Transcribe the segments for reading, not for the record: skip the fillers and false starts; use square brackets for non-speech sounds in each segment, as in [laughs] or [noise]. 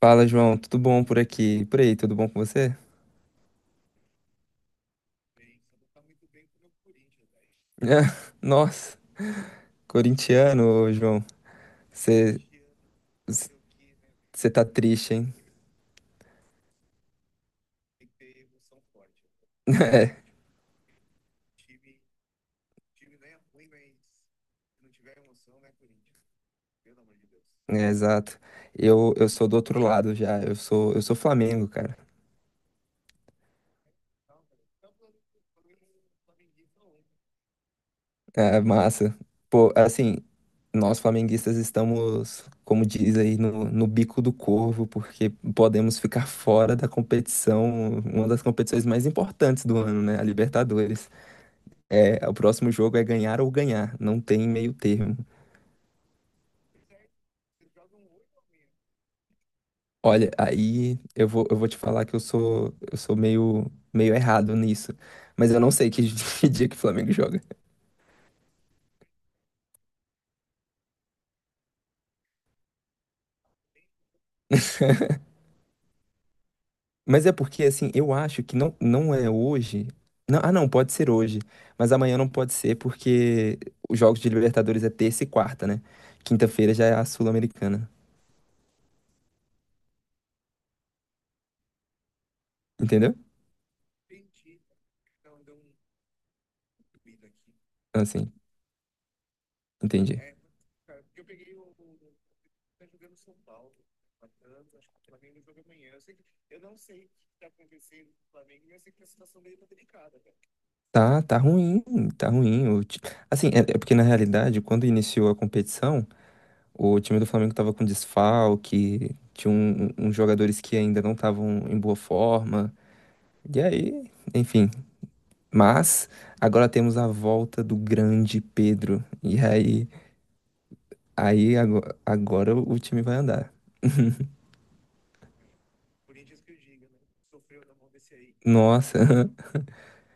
Fala, João. Tudo bom por aqui? Por aí, tudo bom com você? [laughs] Nossa, corintiano, ô, João. Você você tá triste, hein? [laughs] Exato. Eu sou do outro lado já. Eu sou Flamengo, cara. É, é massa. Pô, assim, nós flamenguistas estamos, como diz aí, no bico do corvo, porque podemos ficar fora da competição, uma das competições mais importantes do ano, né? A Libertadores. É, o próximo jogo é ganhar ou ganhar, não tem meio termo. Olha, eu vou te falar que eu sou meio errado nisso, mas eu não sei que, [laughs] que dia que o Flamengo joga. Mas é porque, assim, eu acho que não é hoje. Não, ah, não, pode ser hoje, mas amanhã não pode ser porque os jogos de Libertadores é terça e quarta, né? Quinta-feira já é a Sul-Americana, entendeu? Então, assim, entendi. Tá, tá ruim, tá ruim. O ti- Assim, é porque na realidade, quando iniciou a competição, o time do Flamengo estava com desfalque, tinha uns jogadores que ainda não estavam em boa forma. E aí, enfim. Mas agora temos a volta do grande Pedro. Agora, o time vai andar. Nossa, [laughs]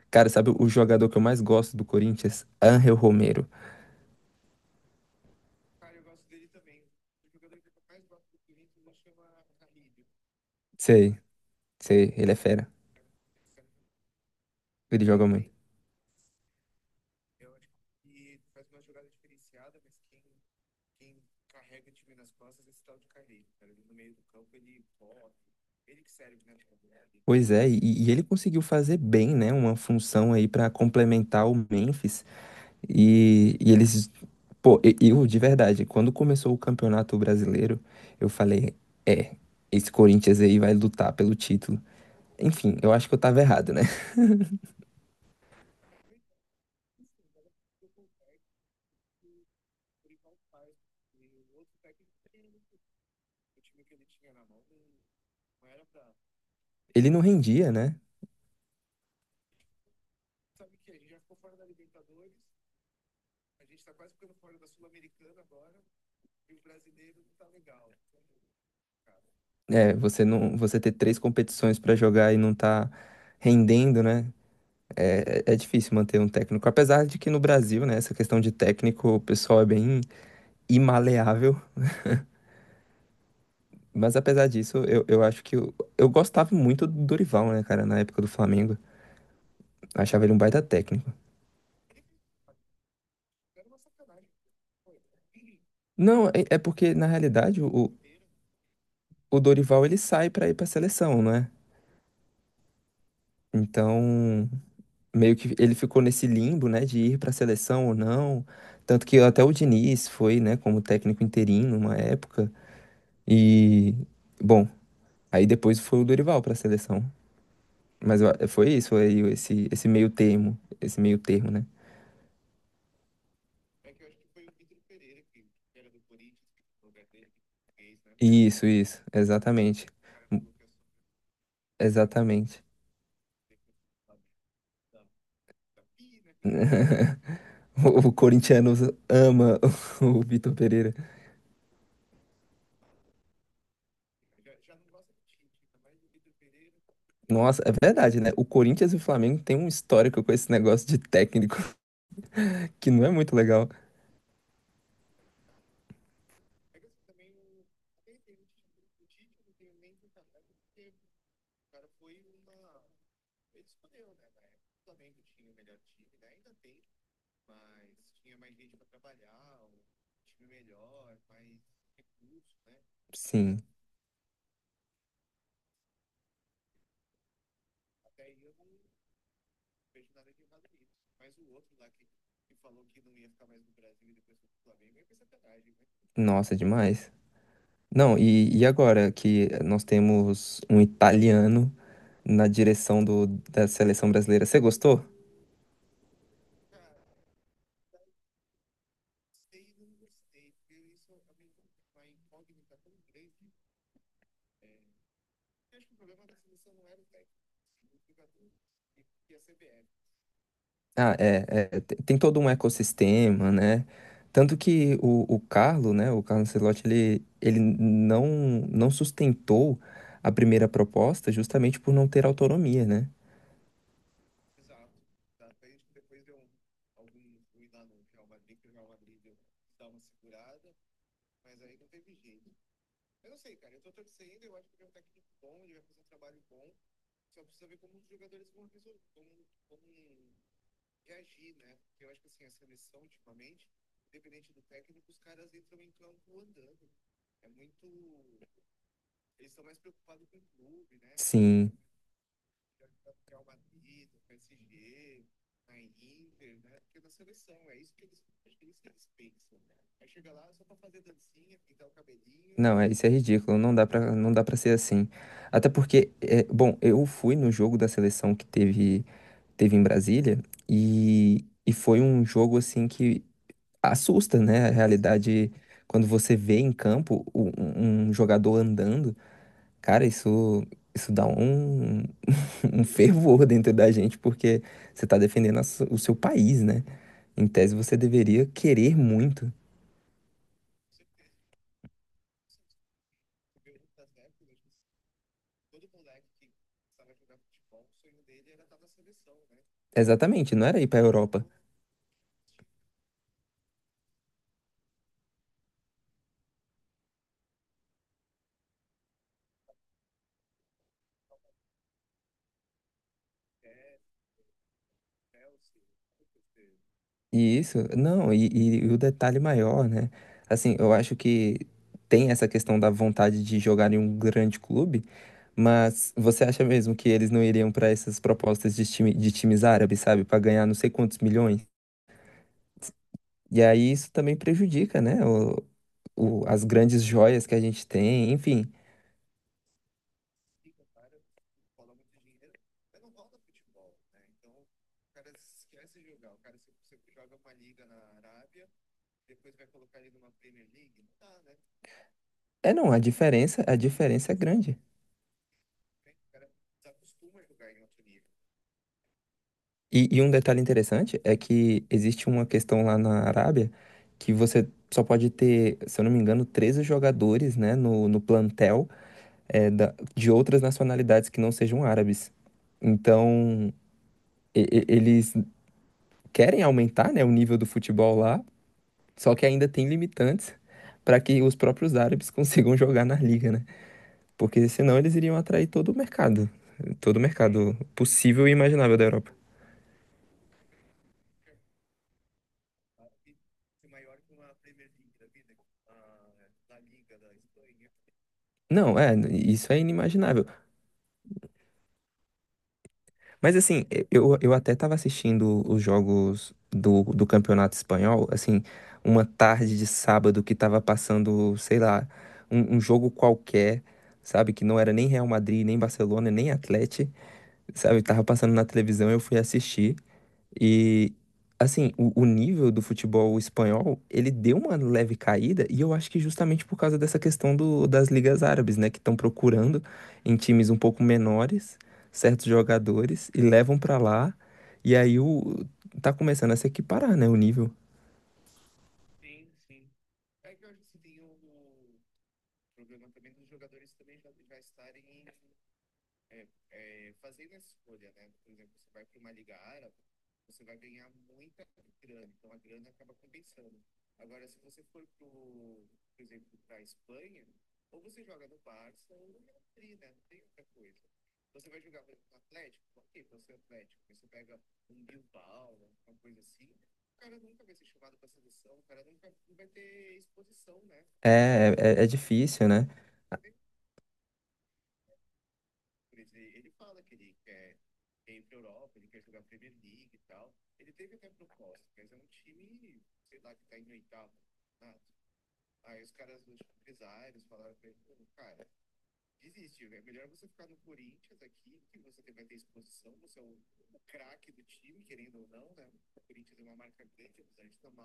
cara, sabe o jogador que eu mais gosto do Corinthians? Angel Romero. Sei, sei, ele é fera. Ele joga muito. Pois é, e ele conseguiu fazer bem, né? Uma função aí para complementar o Memphis. E eles. Pô, e- eu, de verdade, quando começou o Campeonato Brasileiro, eu falei: é, esse Corinthians aí vai lutar pelo título. Enfim, eu acho que eu tava errado, né? [laughs] Ele não rendia, né? É, você não, você ter três competições pra jogar e não tá rendendo, né? É difícil manter um técnico. Apesar de que no Brasil, né, essa questão de técnico, o pessoal é bem imaleável. Mas apesar disso, eu acho que eu gostava muito do Dorival, né, cara, na época do Flamengo. Eu achava ele um baita técnico. Não, é porque na realidade o Dorival ele sai pra ir pra seleção, não é? Então, meio que ele ficou nesse limbo, né, de ir pra seleção ou não. Tanto que até o Diniz foi, né, como técnico interino uma época. E, bom, aí depois foi o Dorival pra seleção. Mas eu a- foi isso, esse meio termo, né? Isso, exatamente. Exatamente. [laughs] O corintiano ama [laughs] o Vitor Pereira. Nossa, é verdade, né? O Corinthians e o Flamengo têm um histórico com esse negócio de técnico [laughs] que não é muito legal. Sim, nossa, é demais. Não, e agora que nós temos um italiano na direção do, da seleção brasileira, você gostou? Ah, é, te- tem todo um ecossistema, né? Tanto que o Carlo, né, o Carlo Ancelotti, ele não, não sustentou a primeira proposta justamente por não ter autonomia, né? Sim. Não, é, isso é ridículo, não dá pra, não dá pra ser assim. Até porque, é, bom, eu fui no jogo da seleção que teve em Brasília e foi um jogo assim que assusta, né? A realidade, quando você vê em campo o- um jogador andando, cara, isso dá um, [laughs] um fervor dentro da gente, porque você tá defendendo a su- o seu país, né? Em tese, você deveria querer muito. Exatamente, não era ir pra Europa. E isso, não, e o detalhe maior, né? Assim, eu acho que tem essa questão da vontade de jogar em um grande clube, mas você acha mesmo que eles não iriam para essas propostas de, time, de times árabes, sabe? Para ganhar não sei quantos milhões? E aí isso também prejudica, né? O- as grandes joias que a gente tem, enfim. É, não, a diferença é grande. E um detalhe interessante é que existe uma questão lá na Arábia que você só pode ter, se eu não me engano, 13 jogadores, né, no plantel é, da- de outras nacionalidades que não sejam árabes. Então, eles querem aumentar, né, o nível do futebol lá, só que ainda tem limitantes para que os próprios árabes [laughs] consigam jogar na liga, né? Porque senão eles iriam atrair todo o mercado possível e imaginável da Europa. Não, é, isso é inimaginável. Mas assim, eu até estava assistindo os jogos do Campeonato Espanhol, assim, uma tarde de sábado que estava passando, sei lá, um jogo qualquer, sabe? Que não era nem Real Madrid, nem Barcelona, nem Atlético, sabe? Tava passando na televisão, eu fui assistir. E assim, o nível do futebol espanhol, ele deu uma leve caída, e eu acho que justamente por causa dessa questão do, das ligas árabes, né, que estão procurando em times um pouco menores certos jogadores e levam pra lá, e aí o tá começando a se equiparar, né, o nível. É, é difícil, né?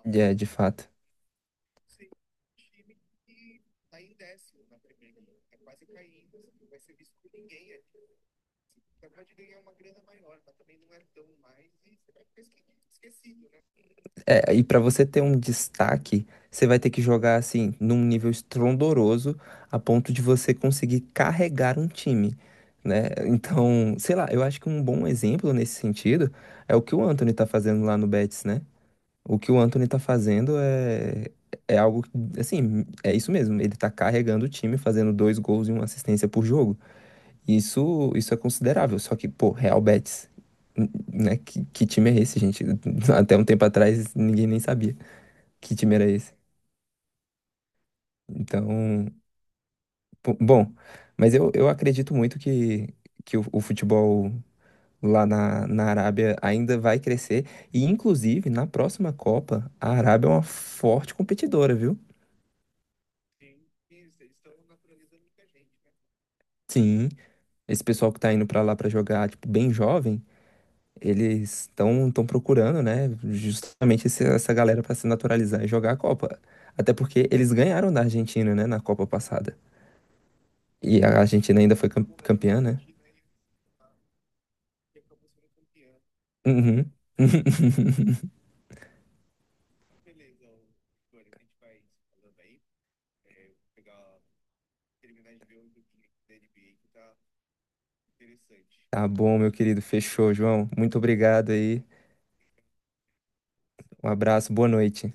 É, de fato. É, e para você ter um destaque, você vai ter que jogar assim num nível estrondoroso a ponto de você conseguir carregar um time, né? Então, sei lá, eu acho que um bom exemplo nesse sentido é o que o Anthony tá fazendo lá no Betis, né? O que o Anthony tá fazendo é algo que, assim, é isso mesmo, ele tá carregando o time, fazendo 2 gols e uma assistência por jogo. Isso é considerável, só que, pô, Real Betis, n- né? Que time é esse, gente? [laughs] Até um tempo atrás ninguém nem sabia que time era esse? Então, bo- bom, mas eu acredito muito que o futebol lá na Arábia ainda vai crescer. E, inclusive, na próxima Copa, a Arábia é uma forte competidora, viu? Sim, esse pessoal que tá indo pra lá pra jogar, tipo, bem jovem, eles estão procurando, né, justamente esse- essa galera pra se naturalizar e jogar a Copa. Até porque eles ganharam da Argentina, né, na Copa passada. E a Argentina ainda foi cam- campeã, né? Uhum. [laughs] Tá bom, meu querido. Fechou, João. Muito obrigado aí. Um abraço, boa noite.